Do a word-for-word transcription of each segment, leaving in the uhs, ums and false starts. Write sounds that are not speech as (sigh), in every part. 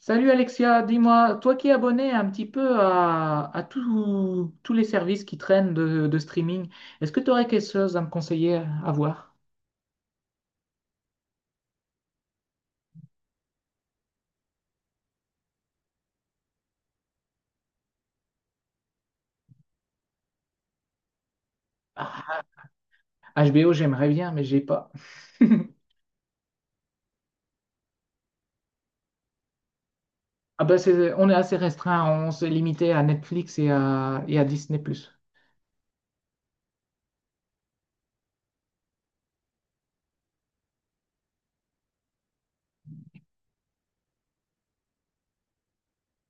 Salut Alexia, dis-moi, toi qui es abonné un petit peu à, à tous tous les services qui traînent de, de streaming, est-ce que tu aurais quelque chose à me conseiller à voir? Ah, H B O, j'aimerais bien, mais j'ai pas. (laughs) Ah bah c'est, on est assez restreint, on s'est limité à Netflix et à, et à Disney+.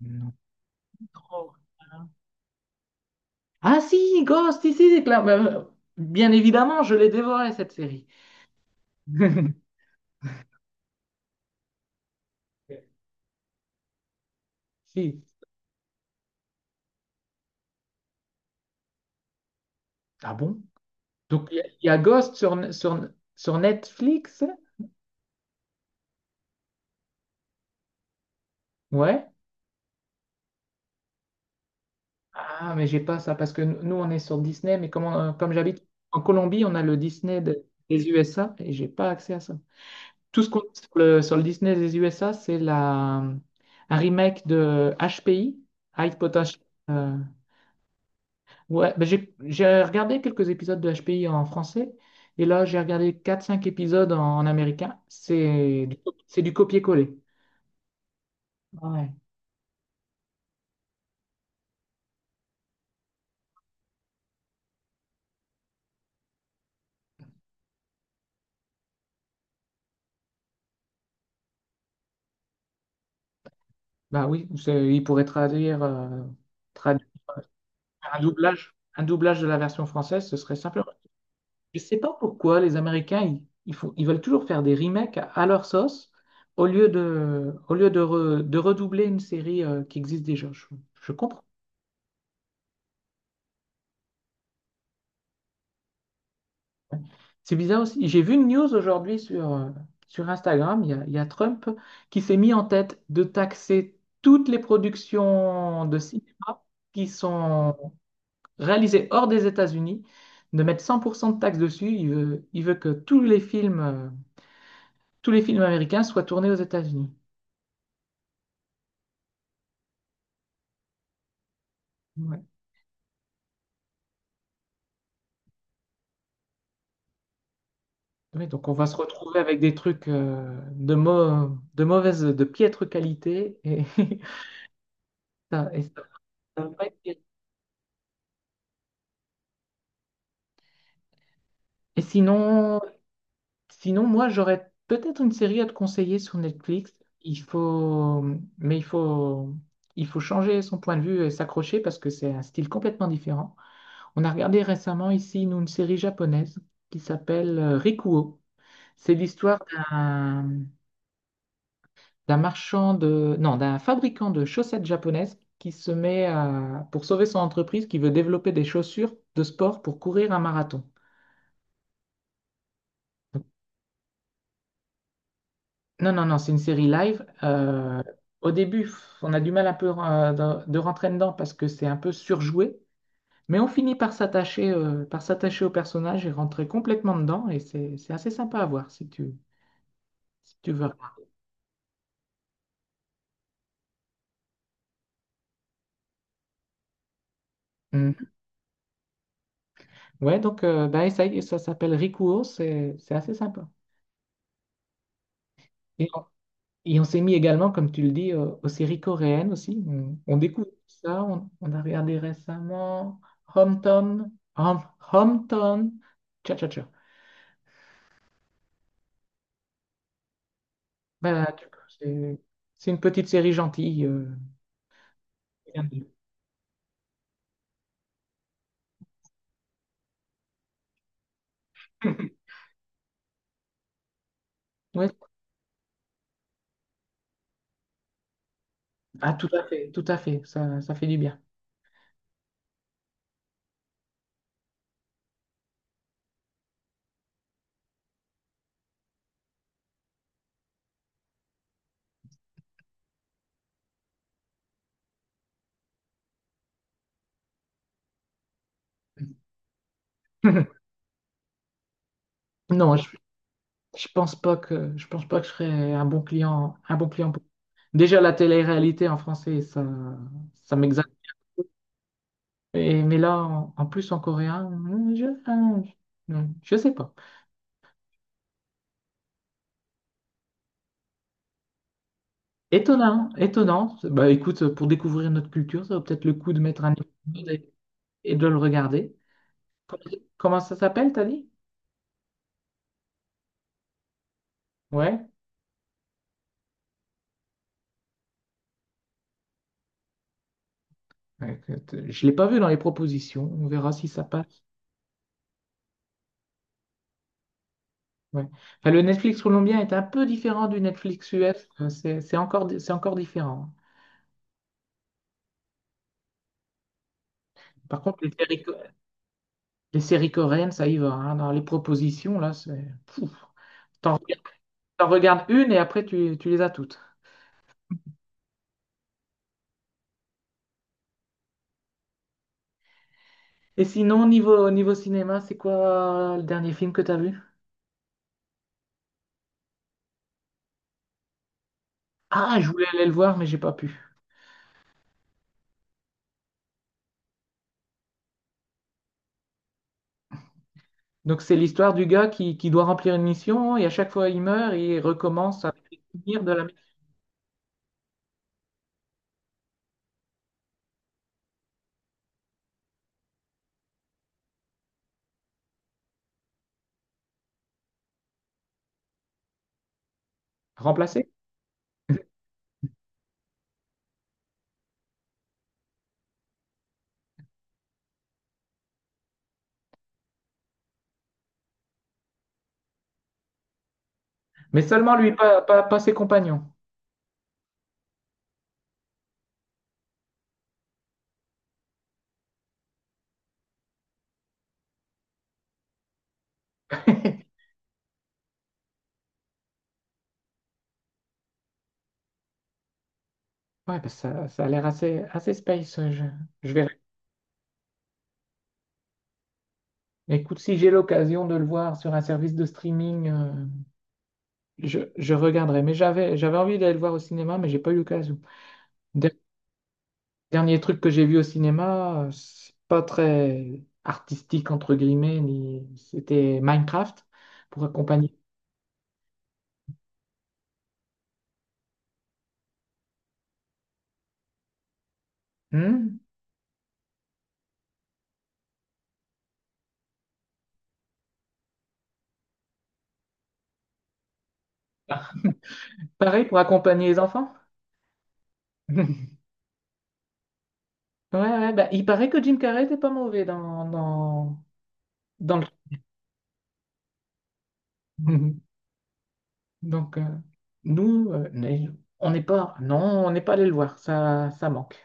Non. Trop. Ah si, Ghost, ici, c'est clair. Bah, bien évidemment, je l'ai dévoré cette série. (laughs) Si. Ah bon? Donc, il y, a il y a Ghost sur, sur, sur Netflix? Ouais. Ah, mais j'ai pas ça parce que nous, on est sur Disney, mais comme, on- comme j'habite en Colombie, on a le Disney de- des U S A et j'ai pas accès à ça. Tout ce qu'on a sur le, sur le, Disney des U S A, c'est la, un remake de H P I. High Potash. euh, ouais, ben j'ai j'ai regardé quelques épisodes de H P I en français et là, j'ai regardé quatre cinq épisodes en, en américain. C'est du- c'est du copier-coller. Ouais. Bah oui, c'est- il pourrait traduire, euh, traduire euh, un doublage, un doublage de la version française, ce serait simple. Je sais pas pourquoi les Américains, ils, ils font- ils veulent toujours faire des remakes à, à leur sauce au lieu de, au lieu de, re- de redoubler une série euh, qui existe déjà. Je, je comprends. C'est bizarre aussi. J'ai vu une news aujourd'hui sur, euh, sur Instagram. Il y a, il y a Trump qui s'est mis en tête de taxer toutes les productions de cinéma qui sont réalisé hors des États-Unis, de mettre cent pour cent de taxes dessus. Il veut, il veut que tous les films, euh, tous les films américains soient tournés aux États-Unis. Ouais. Oui, donc on va se retrouver avec des trucs euh, de, mau- de mauvaise, de piètre qualité. Et, (laughs) ça- et ça- ça va pas être bien. Et sinon, sinon, moi, j'aurais peut-être une série à te conseiller sur Netflix. Il faut, mais il faut, il faut changer son point de vue et s'accrocher parce que c'est un style complètement différent. On a regardé récemment ici, nous, une série japonaise qui s'appelle euh, Rikuo. C'est l'histoire d'un d'un marchand de, non, d'un fabricant de chaussettes japonaises qui se met à, pour sauver son entreprise, qui veut développer des chaussures de sport pour courir un marathon. Non, non, non, c'est une série live. Euh, au début, on a du mal un peu euh, de, de rentrer dedans parce que c'est un peu surjoué, mais on finit par s'attacher euh, par s'attacher au personnage et rentrer complètement dedans et c'est c'est assez sympa à voir si tu, si tu, veux. Mm. Ouais, donc euh, bah, essaye, ça s'appelle Rikuo, c'est c'est assez sympa. Et on, et on s'est mis également, comme tu le dis, euh, aux séries coréennes aussi. On, on découvre ça, on, on a regardé récemment Hometown, Hom- Hometown, Cha Cha Cha. Bah, tu- c'est c'est une petite série gentille. Euh, rien de- (laughs) Ouais, ah, tout à fait, tout à fait, ça, ça fait du bien. (laughs) Non, Je pense pas que je pense pas que je serais un bon client, un bon client pour- Déjà la télé-réalité en français, ça, ça m'exaspère. Et- mais là, en, en plus en coréen, hmm, je, hein, je je sais pas. Étonnant, étonnant. Bah écoute, pour découvrir notre culture, ça vaut peut-être le coup de mettre un épisode et, et de le regarder. Comment, comment ça s'appelle, t'as dit? Ouais. Ouais, écoute, je l'ai pas vu dans les propositions. On verra si ça passe. Ouais. Enfin, le Netflix colombien est un peu différent du Netflix U S. euh, C'est c'est encore, di- c'est encore différent. Par contre, les séries, co- les séries coréennes, ça y va, hein. Dans les propositions, là, c'est pouf. T'en regardes t'en regardes une et après, tu, tu les as toutes. Et sinon, niveau, niveau cinéma, c'est quoi euh, le dernier film que t'as vu? Ah, je voulais aller le voir, mais j'ai pas pu. Donc, c'est l'histoire du gars qui, qui doit remplir une mission et à chaque fois, il meurt et il recommence à finir de la remplacer. Mais seulement lui, pas, pas, pas ses compagnons. (laughs) Ouais, parce que ça, ça a l'air assez, assez space. euh, Je, je verrai. Écoute, si j'ai l'occasion de le voir sur un service de streaming, euh, je, je regarderai. Mais j'avais, j'avais envie d'aller le voir au cinéma, mais j'ai pas eu l'occasion. Der- Dernier truc que j'ai vu au cinéma, euh, c'est pas très artistique, entre guillemets, ni... c'était Minecraft pour accompagner. Hmm. Pareil pour accompagner les enfants? (laughs) Ouais, ouais, bah, il paraît que Jim Carrey était pas mauvais dans, dans, dans le. (laughs) Donc, euh, nous, euh, n'est- on n'est pas, non, on n'est pas allé le voir, ça, ça manque.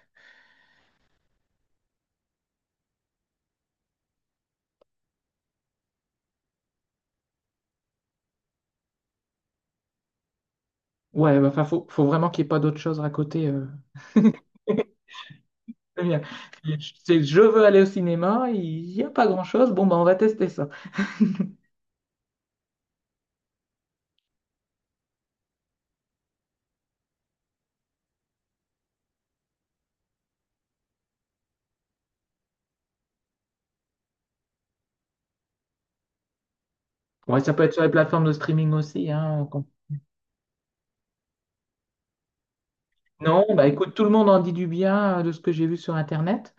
Ouais, bah, enfin, faut, faut vraiment qu'il n'y ait pas d'autre chose à côté. euh. (laughs) C'est bien. C'est je veux aller au cinéma, il n'y a pas grand-chose, bon, bah, on va tester ça. Ouais, ça peut être sur les plateformes de streaming aussi, hein. quand- Non, bah écoute, tout le monde en dit du bien euh, de ce que j'ai vu sur Internet.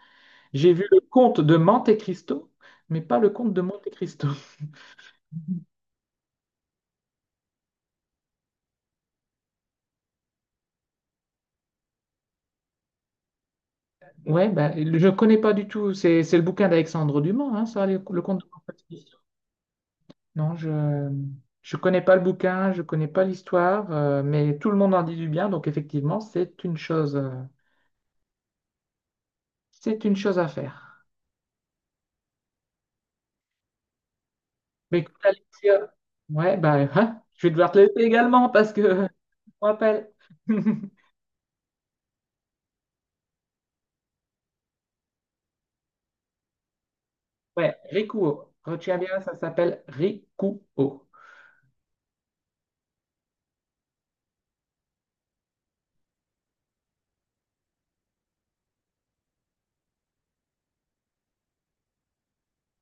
J'ai vu le conte de Monte Cristo, mais pas le conte de Monte Cristo. (laughs) Ouais, bah, je ne connais pas du tout, c'est c'est le bouquin d'Alexandre Dumas, hein, ça, le, le conte de Monte Cristo. Non, je je connais pas le bouquin, je connais pas l'histoire, euh, mais tout le monde en dit du bien, donc effectivement, c'est une chose, euh, c'est une chose à faire. Mais écoute, Alexia, ouais, bah, (laughs) hein, je vais devoir te laisser également parce que on rappelle. (laughs) Ouais, Rikuo. Retiens bien, ça s'appelle Rikuo.